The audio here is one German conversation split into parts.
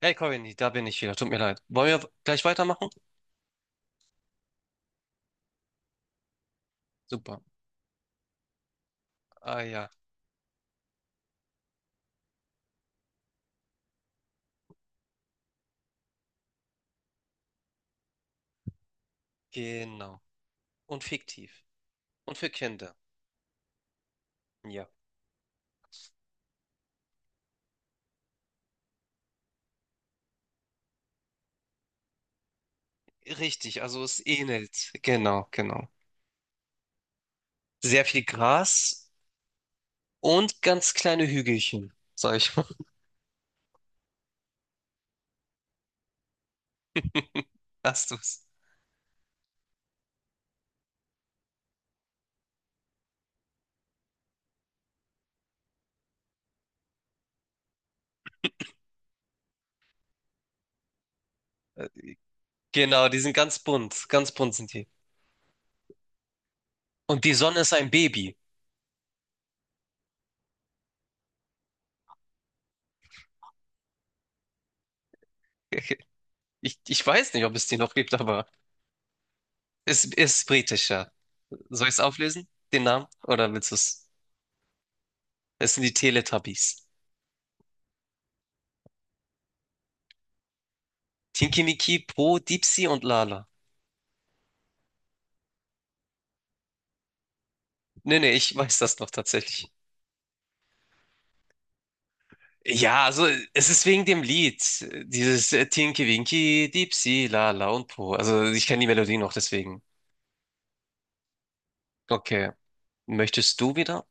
Hey Corinne, da bin ich wieder. Tut mir leid. Wollen wir gleich weitermachen? Super. Ah ja, genau. Und fiktiv. Und für Kinder. Ja. Richtig, also es ähnelt. Genau, genau. Sehr viel Gras und ganz kleine Hügelchen, sag ich mal. Hast du's? Äh, Genau, die sind ganz bunt. Ganz bunt sind die. Und die Sonne ist ein Baby. Ich weiß nicht, ob es die noch gibt, aber es ist britischer. Soll ich es auflösen? Den Namen? Oder willst du es? Es sind die Teletubbies. Tinky Miki, Po, Dipsy und Lala. Nee, nee, ich weiß das noch tatsächlich. Ja, also es ist wegen dem Lied. Dieses Tinky Winky, Dipsy, Lala und Po. Also ich kenne die Melodie noch, deswegen. Okay. Möchtest du wieder?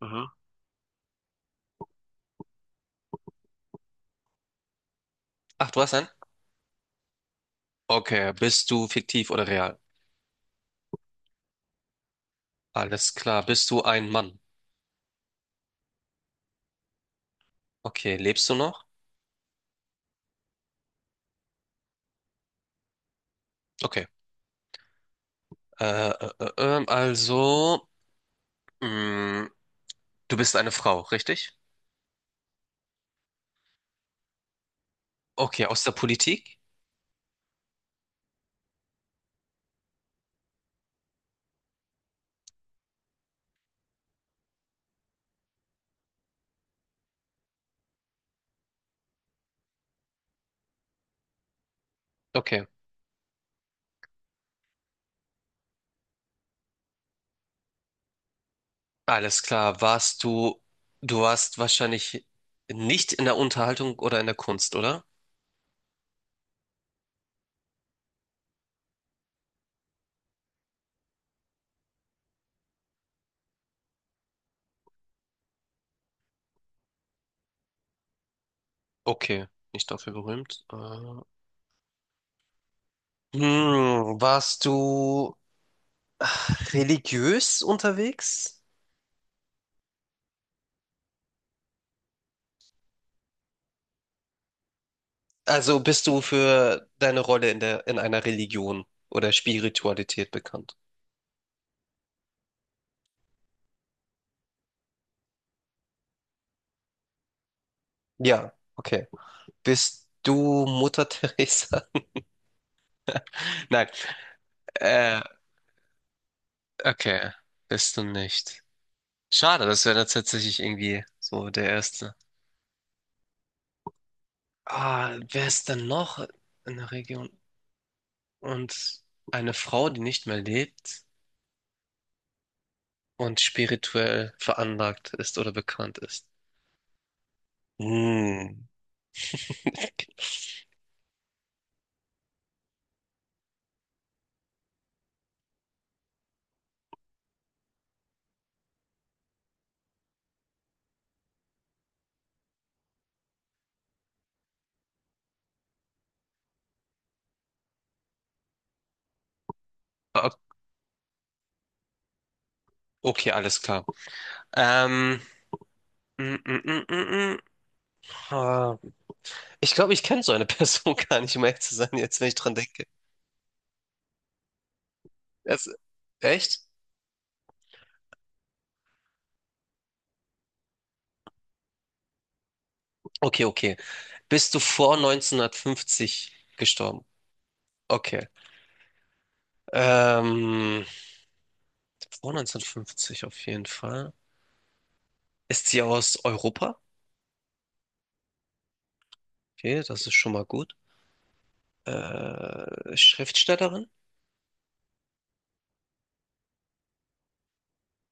Mhm. Ach, du hast einen? Okay. Bist du fiktiv oder real? Alles klar. Bist du ein Mann? Okay. Lebst du noch? Okay. Also, mh, du bist eine Frau, richtig? Okay. Aus der Politik? Okay. Alles klar, warst du, du warst wahrscheinlich nicht in der Unterhaltung oder in der Kunst, oder? Okay, nicht dafür berühmt. Hm, warst du religiös unterwegs? Also bist du für deine Rolle in einer Religion oder Spiritualität bekannt? Ja, okay. Bist du Mutter Teresa? Nein, äh, okay, bist du nicht. Schade, das wäre tatsächlich irgendwie so der erste. Ah, wer ist denn noch in der Region? Und eine Frau, die nicht mehr lebt und spirituell veranlagt ist oder bekannt ist. Hm. Ah, okay, alles klar. Ähm, mm, mm, mm, mm, mm. Ah, ich glaube, ich kenne so eine Person gar nicht, um ehrlich zu sein, jetzt, wenn ich dran denke. Das, echt? Okay, okay. Bist du vor 1950 gestorben? Okay. Ähm, vor 1950 auf jeden Fall. Ist sie aus Europa? Okay, das ist schon mal gut. Schriftstellerin?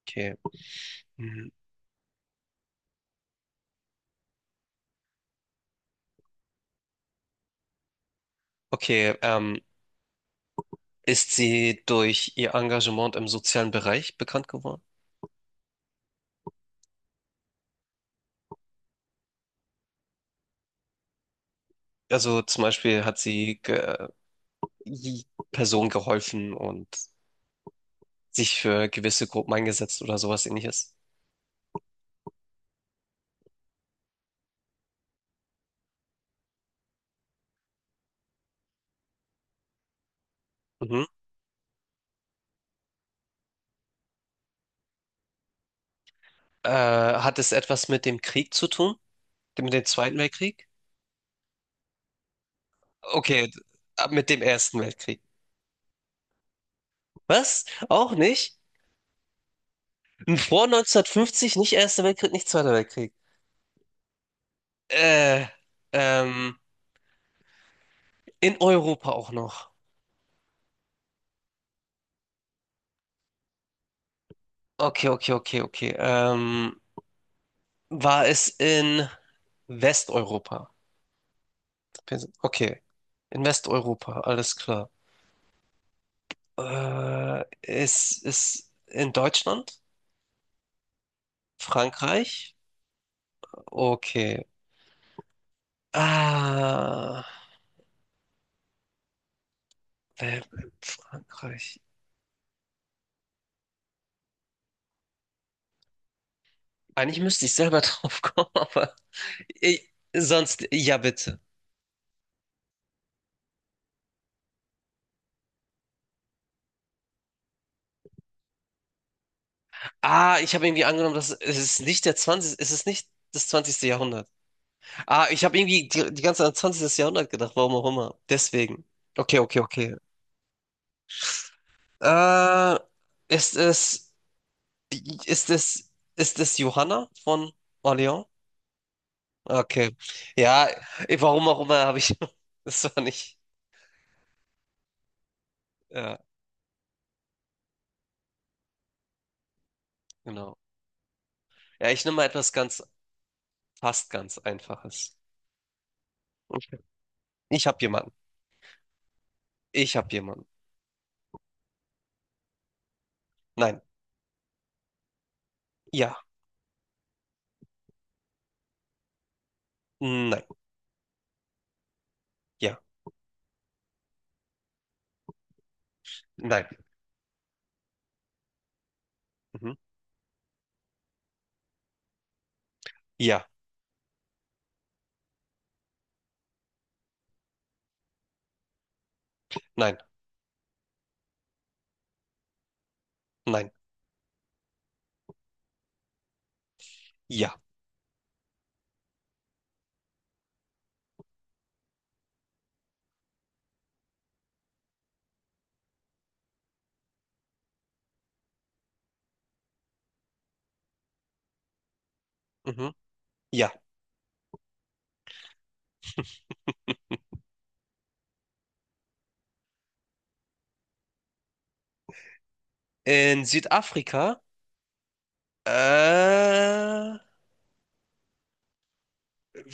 Okay. Mhm. Okay, ist sie durch ihr Engagement im sozialen Bereich bekannt geworden? Also zum Beispiel hat sie i- Personen geholfen und sich für gewisse Gruppen eingesetzt oder sowas ähnliches. Mhm. Hat es etwas mit dem Krieg zu tun? Mit dem Zweiten Weltkrieg? Okay, ab mit dem Ersten Weltkrieg. Was? Auch nicht? Vor 1950 nicht Erster Weltkrieg, nicht Zweiter Weltkrieg. Äh, ähm, in Europa auch noch. Okay, okay, okay, okay. War es in Westeuropa? Okay, in Westeuropa, alles klar. Ist es in Deutschland? Frankreich? Okay. Ah, wer- Frankreich. Eigentlich müsste ich selber drauf kommen, aber ich, sonst, ja bitte. Ah, ich habe irgendwie angenommen, dass es ist nicht der 20, es ist nicht das zwanzigste Jahrhundert. Ah, ich habe irgendwie die ganze Zeit an 20. Jahrhundert gedacht, warum auch immer. Deswegen. Okay, okay, okay. Äh, ist es, ist es, ist es Johanna von Orléans? Okay. Ja, eh, warum auch immer habe ich, das war nicht, ja, genau. Ja, ich nehme mal etwas ganz, fast ganz Einfaches. Okay. Ich habe jemanden. Ich habe jemanden. Nein. Ja. Nein. Ja. Nein. Mhm. Ja. Nein. Nein. Ja, mhm. Ja. In Südafrika? Äh,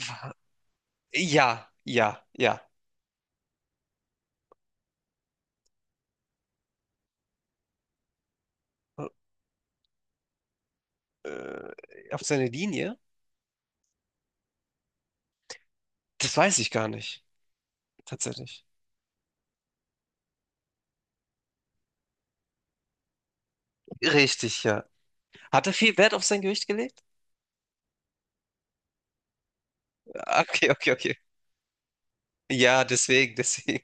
wa- ja, ja, ja. Auf seine Linie? Das weiß ich gar nicht, tatsächlich. Richtig, ja. Hat er viel Wert auf sein Gewicht gelegt? Ah, okay, okay, okay. Ja, deswegen, deswegen.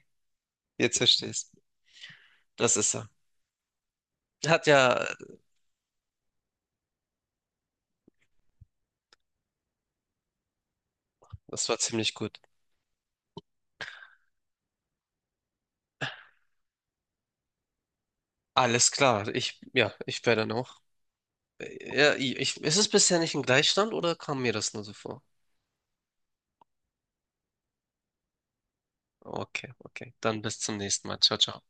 Jetzt verstehst du. Das ist er. Hat ja, das war ziemlich gut. Alles klar. Ich, ja, ich wäre dann auch. Ja, ich, ist es bisher nicht ein Gleichstand oder kam mir das nur so vor? Okay, okay. Dann bis zum nächsten Mal. Ciao, ciao.